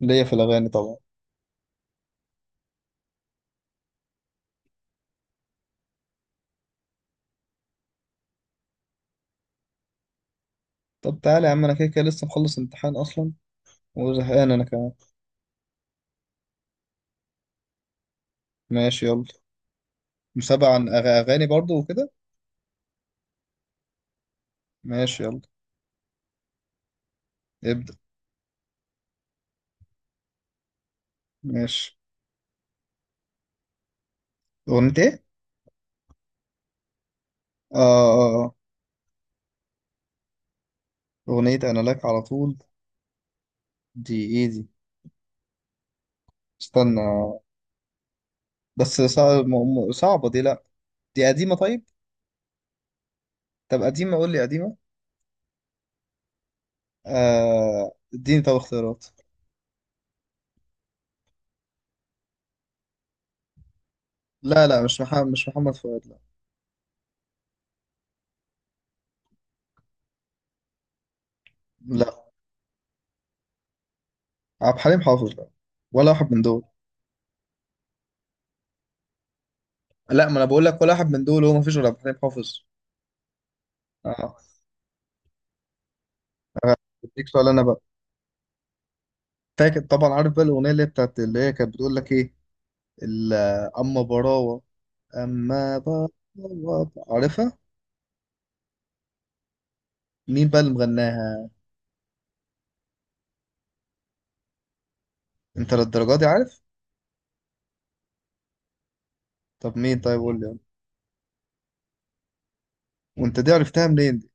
ليا في الأغاني طبعا. طب تعالى يا عم، أنا كده كده لسه مخلص امتحان أصلا وزهقان أنا كمان. ماشي يلا. مسابقة عن أغاني برضو وكده. ماشي يلا. ابدأ. ماشي. أغنية إيه؟ آه، آه، آه. أغنية أنا لك على طول. دي إيه دي؟ استنى. بس صعب، صعبة دي، لأ. دي قديمة، طيب؟ طب قديمة، قول لي قديمة. آه، اديني طب اختيارات. لا، لا، مش محمد فؤاد، لا. لا، عبد الحليم حافظ، لا. ولا واحد من دول. لا، ما أنا بقول لك ولا واحد من دول، هو مفيش غير عبد الحليم حافظ. اه. آه، اديك سؤال انا بقى. فاكر طبعا، عارف بقى الاغنيه اللي هي بتاعت، اللي هي كانت بتقول لك ايه؟ ال- اما براوه. اما براوه، عارفها. مين بقى اللي مغناها؟ انت للدرجه دي عارف؟ طب مين؟ طيب قول لي. وانت دي عرفتها منين دي؟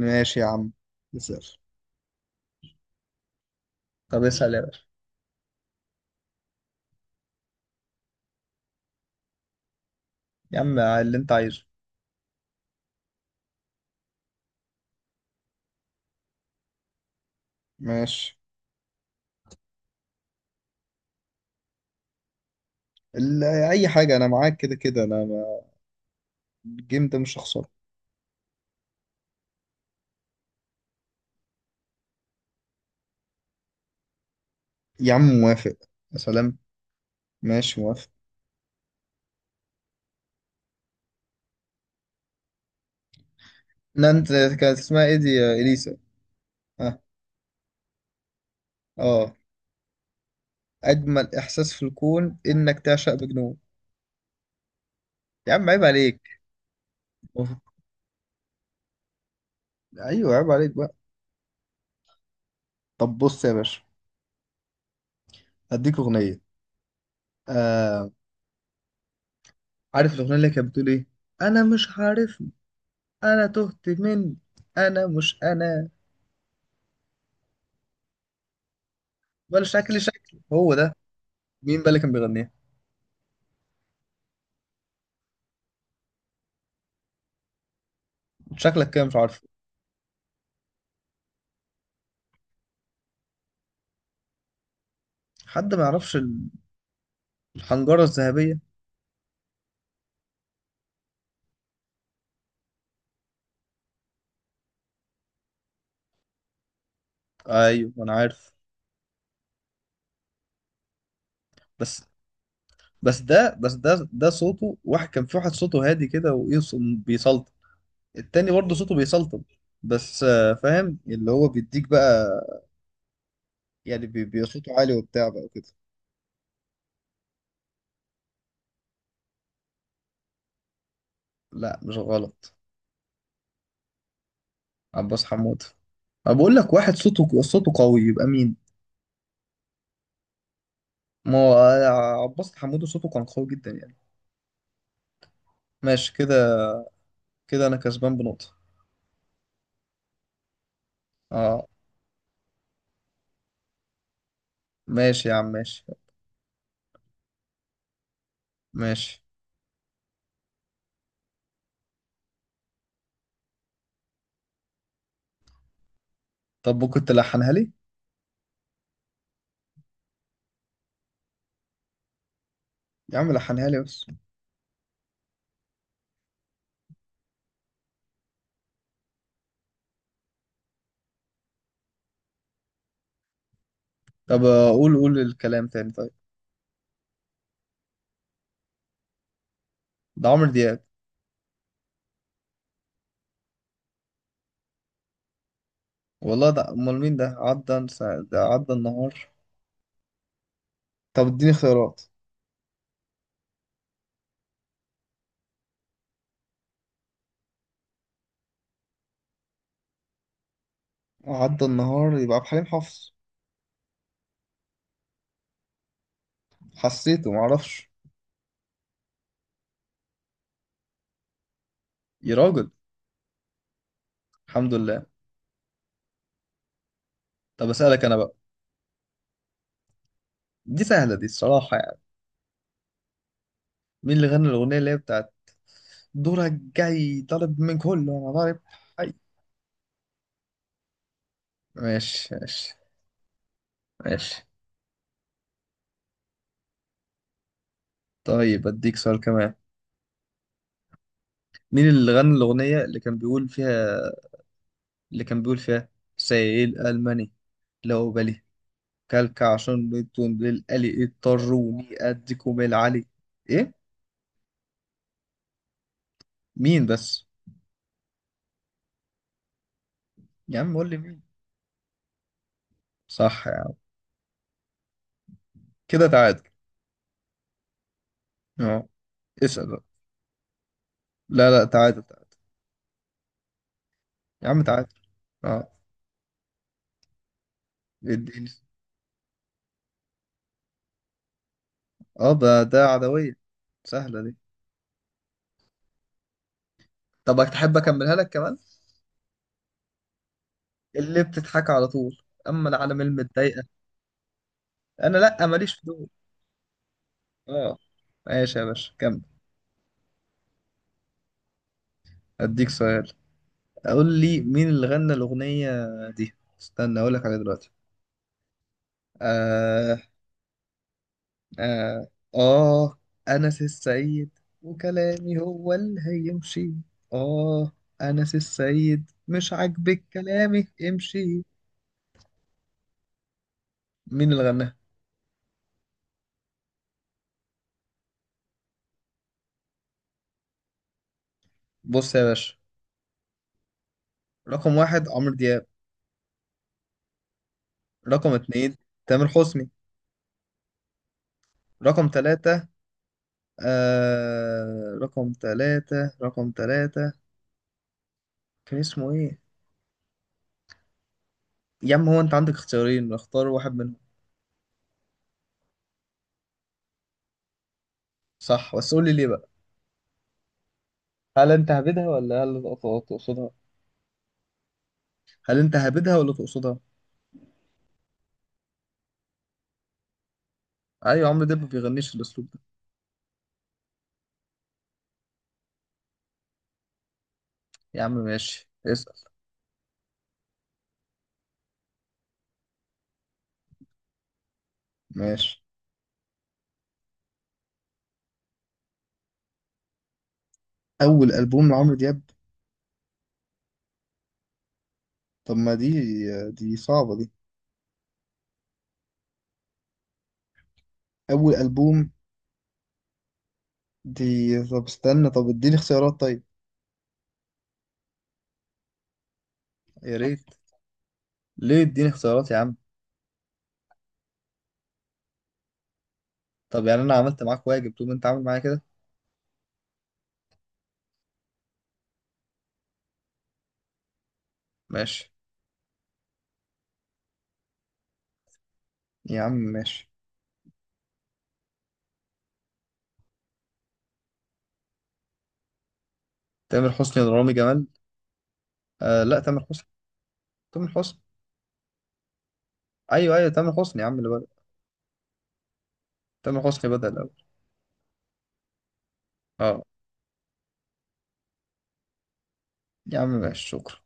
ماشي يا عم. اسال. طب اسال يا باشا. يا عم اللي انت عايزه. ماشي. اي حاجه، انا معاك كده كده، انا الجيم ده مش هخسره. يا عم موافق. يا سلام. ماشي موافق. لا، انت. كانت اسمها ايه دي، يا اليسا؟ اه. اه. اجمل احساس في الكون انك تعشق مجنون. يا عم عيب عليك. ايوه، عيب عليك بقى. طب بص يا باشا. هديك اغنيه. آه. عارف الاغنيه اللي كانت بتقول ايه؟ انا مش عارفني. انا تهت مني. انا مش انا. ولا شكلي شكلي هو ده. مين بقى اللي كان بيغنيها؟ شكلك كده مش عارفه. حد ما يعرفش. الحنجره الذهبيه. ايوه انا عارف. بس. بس ده صوته واحد، كان في واحد صوته هادي كده، وايه، بيسلطن. التاني برضه صوته بيسلطن. بس فاهم اللي هو بيديك بقى. يعني صوته عالي وبتاع بقى وكده. لا، مش غلط. عباس حمود. أنا بقول لك واحد صوته قوي يبقى مين؟ ما هو عباس حمود صوته كان قوي جدا يعني. ماشي كده. كده انا كسبان بنقطة. اه. ماشي يا عم، ماشي، ماشي. طب كنت لحنها لي. يا عم لحنها لي بس. طب قول قول الكلام تاني طيب. ده عمرو دياب. والله ده امال مين؟ ده عدى ده عدى النهار. طب اديني خيارات. عدى النهار يبقى عبد الحليم حافظ. حسيته، معرفش. يا راجل. الحمد لله. طب اسألك انا بقى. دي سهلة دي الصراحة يعني. مين اللي غنى الأغنية اللي هي بتاعت؟ دورك جاي طالب من كله أنا ضارب. حي. ماشي، ماشي. ماشي. طيب أديك سؤال كمان. مين اللي غنى الأغنية اللي كان بيقول فيها سائل ألماني، لو بالي، كلك عشان بيتون للقلي اضطروني أديكم العلي؟ إيه؟ مين بس؟ يا عم قول لي مين. صح يا عم. كده تعادل. اه. اسأل بقى. لا، لا، تعادل، تعادل. يا عم تعادل. اه. اديني. اه، ده عدوية. سهلة دي. طب تحب اكملها لك كمان؟ اللي بتضحك على طول. اما العالم المتضايقة. انا لا، ماليش في دول. اه. ماشي يا باشا كمل. اديك سؤال. اقول لي مين اللي غنى الاغنية دي؟ استنى اقول لك عليها دلوقتي. آه، آه, آه أنس السيد وكلامي هو اللي هيمشي. آه أنس السيد، مش عاجبك كلامي، امشي. مين اللي غناها؟ بص يا باشا. رقم واحد عمرو دياب. رقم اتنين تامر حسني. رقم تلاتة. آه، رقم تلاتة. كان اسمه ايه؟ يا عم، هو انت عندك اختيارين، اختار واحد منهم. صح، بس قول لي ليه بقى. هل انت هبدها ولا هل تقصدها؟ هل انت هبدها ولا تقصدها؟ ايوه، عمرو دياب ما بيغنيش الاسلوب ده. يا عم ماشي، اسأل. ماشي. أول ألبوم لعمرو دياب؟ طب ما دي، دي صعبة دي. أول ألبوم. دي. طب استنى، طب اديني اختيارات طيب. يا ريت. ليه؟ اديني اختيارات يا عم. طب يعني انا عملت معاك واجب، تقوم انت عامل معايا كده. ماشي. يا عم ماشي. تامر حسني ولا رامي جمال؟ آه، لا، تامر حسني. تامر حسني. ايوه، ايوه، تامر حسني يا عم اللي بدأ. تامر حسني بدأ الاول. اه. يا عم ماشي، شكرا.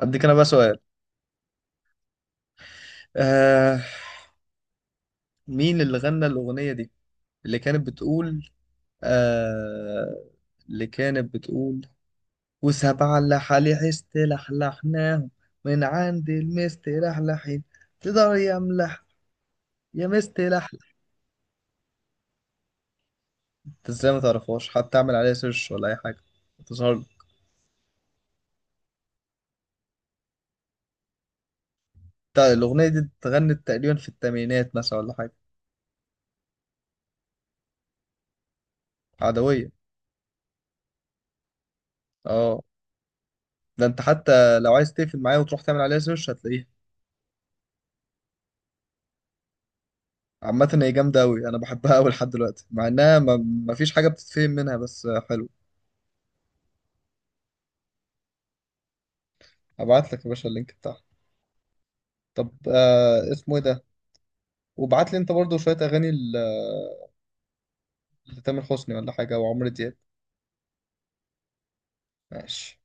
اديك انا بقى سؤال. آه. مين اللي غنى الاغنية دي؟ اللي كانت بتقول، آه اللي كانت بتقول وسبعة اللي حالي حست لحلحناهم، من عند المست لحلحين، تقدر يا ملح يا مست لحلح؟ انت ازاي ما تعرفهاش؟ حتى اعمل عليها سيرش ولا اي حاجة تظهر. الأغنية دي اتغنت تقريبا في الثمانينات مثلا ولا حاجة؟ عدوية. اه. ده انت حتى لو عايز تقفل معايا وتروح تعمل عليها سيرش هتلاقيها. عامة هي جامدة أوي، أنا بحبها أوي لحد دلوقتي، مع إنها ما فيش حاجة بتتفهم منها بس حلو. ابعت لك يا باشا اللينك بتاعها. طب اسمه ايه ده؟ وابعت لي انت برضو شوية اغاني لتامر حسني ولا حاجة وعمرو دياب. ماشي.